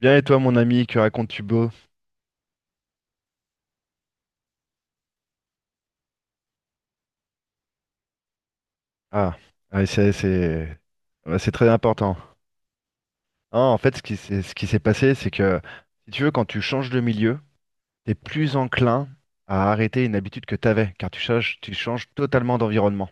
Bien et toi, mon ami, que racontes-tu beau? Ah, ah, c'est ouais, c'est très important. Non, en fait, ce qui s'est passé, c'est que si tu veux, quand tu changes de milieu, t'es plus enclin à arrêter une habitude que t'avais, car tu changes totalement d'environnement.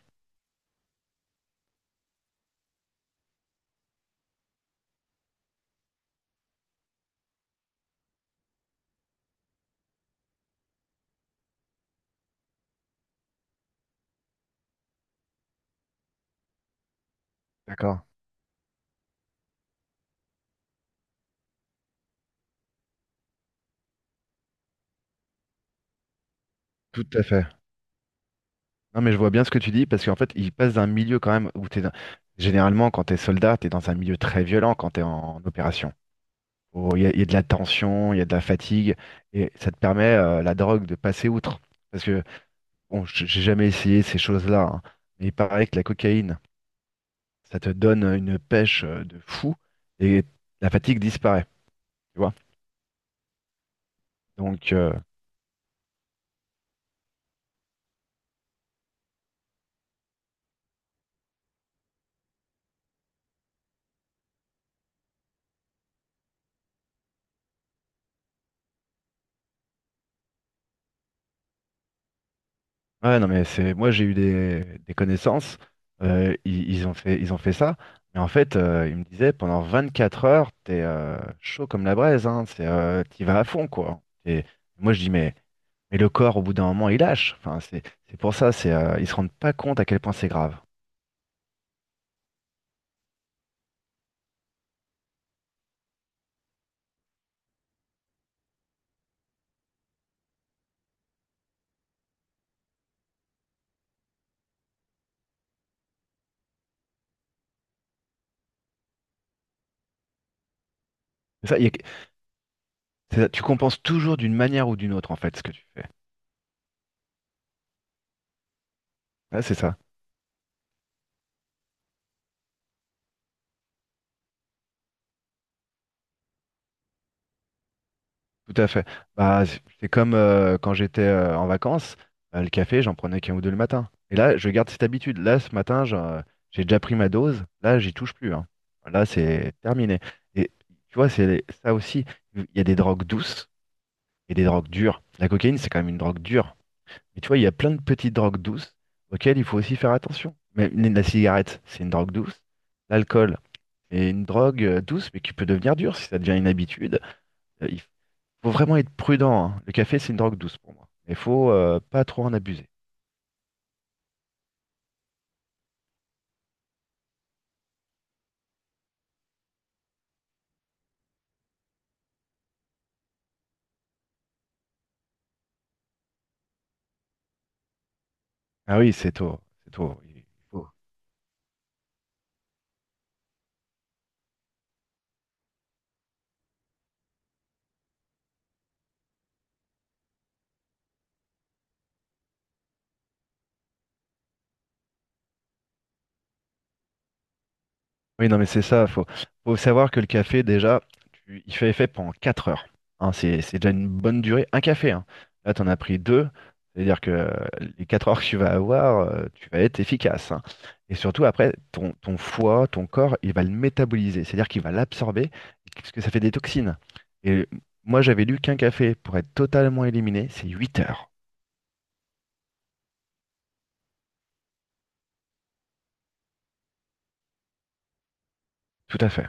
D'accord. Tout à fait. Non, mais je vois bien ce que tu dis parce qu'en fait, il passe d'un milieu quand même où généralement quand t'es soldat, t'es dans un milieu très violent quand t'es en opération. Oh, Il y a de la tension, il y a de la fatigue et ça te permet la drogue de passer outre. Parce que Bon, j'ai jamais essayé ces choses-là, hein, mais il paraît que la cocaïne, ça te donne une pêche de fou et la fatigue disparaît, tu vois. Donc, ouais, non, mais c'est, moi j'ai eu des connaissances, ils ont fait ça, mais en fait, ils me disaient pendant 24 heures, t'es chaud comme la braise, hein, c'est, t'y vas à fond, quoi. Et moi je dis, mais le corps, au bout d'un moment, il lâche. Enfin, c'est pour ça, ils se rendent pas compte à quel point c'est grave. C'est Ça, il y a, C'est ça, tu compenses toujours d'une manière ou d'une autre, en fait, ce que tu fais. Ouais, c'est ça, tout à fait. Bah, c'est comme quand j'étais en vacances, le café, j'en prenais qu'un ou deux le matin. Et là, je garde cette habitude. Là, ce matin, j'ai déjà pris ma dose. Là, j'y touche plus, hein. Là, c'est terminé. Et tu vois, c'est ça aussi. Il y a des drogues douces et des drogues dures. La cocaïne, c'est quand même une drogue dure. Mais tu vois, il y a plein de petites drogues douces auxquelles il faut aussi faire attention. Mais la cigarette, c'est une drogue douce. L'alcool. Et une drogue douce, mais qui peut devenir dure si ça devient une habitude. Il faut vraiment être prudent, hein. Le café, c'est une drogue douce pour moi. Il faut pas trop en abuser. Ah oui, c'est tôt, c'est tôt. Faut- Oui, non, mais c'est ça. Faut savoir que le café, déjà, il fait effet pendant 4 heures. Hein, c'est déjà une bonne durée. Un café, hein. Là, tu en as pris deux. C'est-à-dire que les 4 heures que tu vas avoir, tu vas être efficace, hein. Et surtout, après, ton foie, ton corps, il va le métaboliser. C'est-à-dire qu'il va l'absorber, parce que ça fait des toxines. Et moi, j'avais lu qu'un café, pour être totalement éliminé, c'est 8 heures. Tout à fait.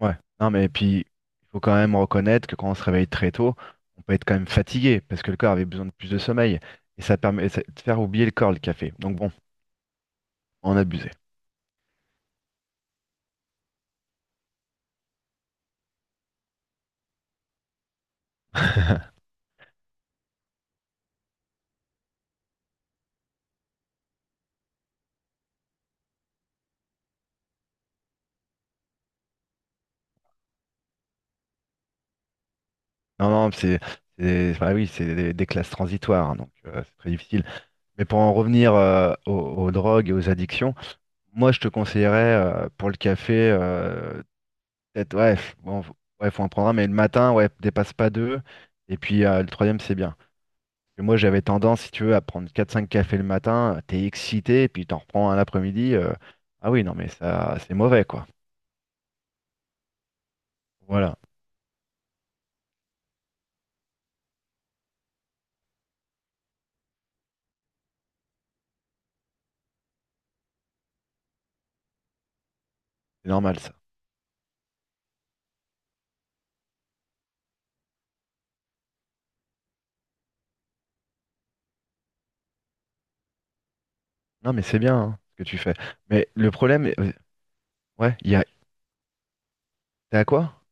Ouais, non mais puis il faut quand même reconnaître que quand on se réveille très tôt, on peut être quand même fatigué parce que le corps avait besoin de plus de sommeil et ça permet de faire oublier le corps le café. Donc bon, on abusait. Non non, c'est bah oui, c'est des classes transitoires, hein, donc c'est très difficile. Mais pour en revenir aux drogues et aux addictions, moi je te conseillerais pour le café, peut-être, ouais, ouais, faut en prendre un mais le matin, ouais, dépasse pas deux et puis le troisième c'est bien. Et moi, j'avais tendance, si tu veux, à prendre quatre cinq cafés le matin, t'es excité, puis t'en reprends un l'après-midi. Ah oui, non, mais ça, c'est mauvais, quoi. Voilà, c'est normal, ça. Non, mais c'est bien, hein, ce que tu fais. Mais le problème, ouais, il y a... T'es à quoi?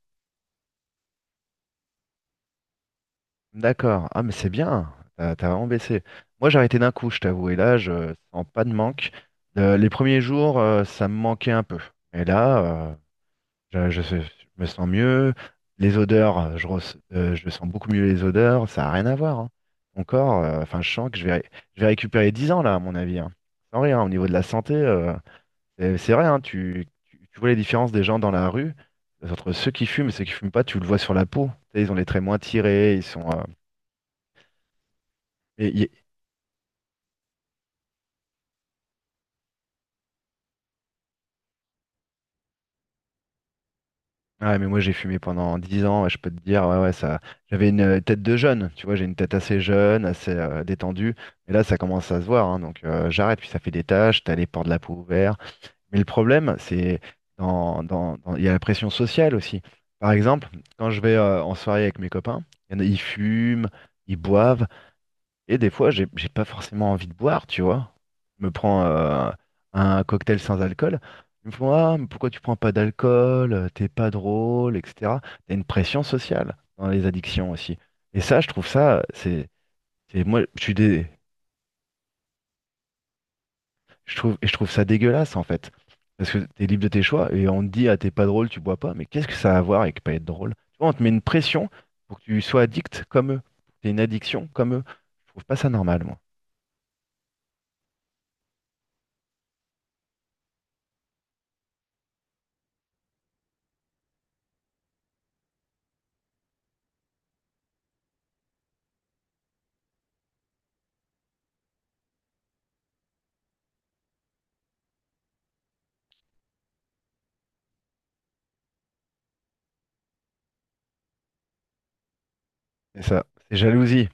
D'accord. Ah, mais c'est bien, t'as vraiment baissé. Moi, j'ai arrêté d'un coup, je t'avoue, et là, je sens pas de manque. Les premiers jours, ça me manquait un peu. Et là, je me sens mieux. Les odeurs, je sens beaucoup mieux les odeurs. Ça n'a rien à voir, hein. Mon corps, enfin, je sens que je vais récupérer 10 ans, là, à mon avis, hein. Sans rien, au niveau de la santé, c'est vrai, hein, tu vois les différences des gens dans la rue. Entre ceux qui fument et ceux qui fument pas, tu le vois sur la peau. Tu sais, ils ont les traits moins tirés, ils sont. Et il y, Ouais, mais moi j'ai fumé pendant 10 ans, ouais, je peux te dire, ouais, ouais, ça. J'avais une tête de jeune, tu vois, j'ai une tête assez jeune, assez détendue, et là ça commence à se voir, hein, donc j'arrête, puis ça fait des taches, t'as les pores de la peau ouverts. Mais le problème, c'est il y a la pression sociale aussi. Par exemple, quand je vais en soirée avec mes copains, il y en a- ils fument, ils boivent, et des fois, j'ai pas forcément envie de boire, tu vois. Je me prends un cocktail sans alcool. Ils me font, ah, mais pourquoi tu prends pas d'alcool? T'es pas drôle, etc. T'as une pression sociale dans les addictions aussi. Et ça, je trouve ça, c'est- moi, je suis des, je trouve, et je trouve ça dégueulasse en fait. Parce que t'es libre de tes choix et on te dit, ah, t'es pas drôle, tu bois pas. Mais qu'est-ce que ça a à voir avec pas être drôle? Tu vois, on te met une pression pour que tu sois addict comme eux. T'es une addiction comme eux. Je trouve pas ça normal, moi. C'est ça, c'est jalousie.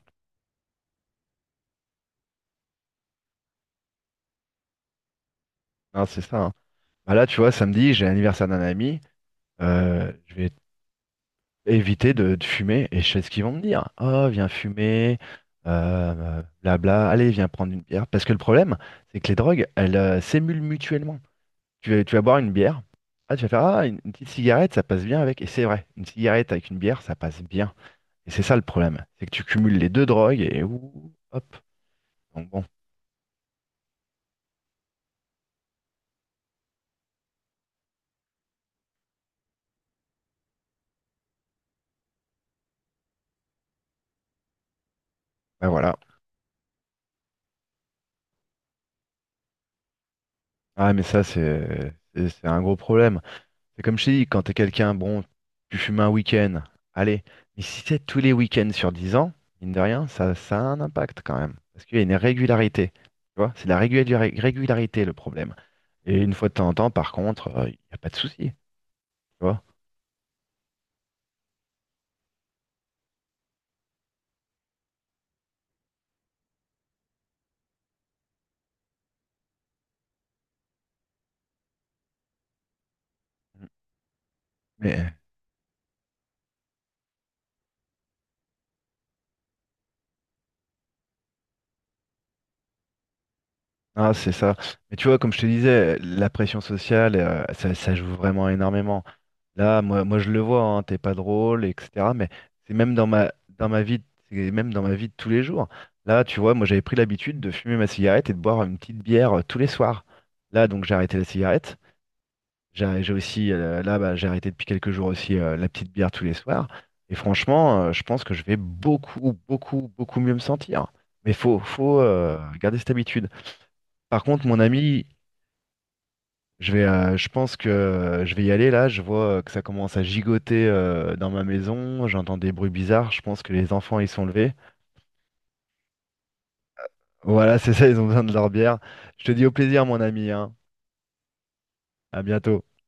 Non, c'est ça, hein. Bah là, tu vois, samedi, j'ai l'anniversaire d'un ami. Je vais éviter de fumer. Et je sais ce qu'ils vont me dire. Oh, viens fumer, blabla. Allez, viens prendre une bière. Parce que le problème, c'est que les drogues, elles s'émulent mutuellement. Tu vas boire une bière. Ah, tu vas faire une petite cigarette, ça passe bien avec. Et c'est vrai, une cigarette avec une bière, ça passe bien. Et c'est ça le problème. C'est que tu cumules les deux drogues et ouh, hop. Donc bon, bah voilà. Ah, mais ça, c'est un gros problème. C'est comme je t'ai dit, quand t'es quelqu'un, bon, tu fumes un week-end, allez, mais si c'est tous les week-ends sur 10 ans, mine de rien, ça a un impact quand même. Parce qu'il y a une régularité. Tu vois, c'est la régularité le problème. Et une fois de temps en temps, par contre, il n'y a pas de souci. Tu vois. Mais c'est ça. Mais tu vois, comme je te disais, la pression sociale, ça, ça joue vraiment énormément. Là, moi je le vois, hein, t'es pas drôle, etc. Mais c'est même dans ma, vie, c'est même dans ma vie de tous les jours. Là, tu vois, moi j'avais pris l'habitude de fumer ma cigarette et de boire une petite bière tous les soirs. Là, donc j'ai arrêté la cigarette. J'ai aussi, là, bah, j'ai arrêté depuis quelques jours aussi la petite bière tous les soirs. Et franchement, je pense que je vais beaucoup, beaucoup, beaucoup mieux me sentir. Mais faut, garder cette habitude. Par contre, mon ami, je pense que je vais y aller là. Je vois que ça commence à gigoter dans ma maison. J'entends des bruits bizarres. Je pense que les enfants ils sont levés. Voilà, c'est ça, ils ont besoin de leur bière. Je te dis au plaisir, mon ami, hein. À bientôt.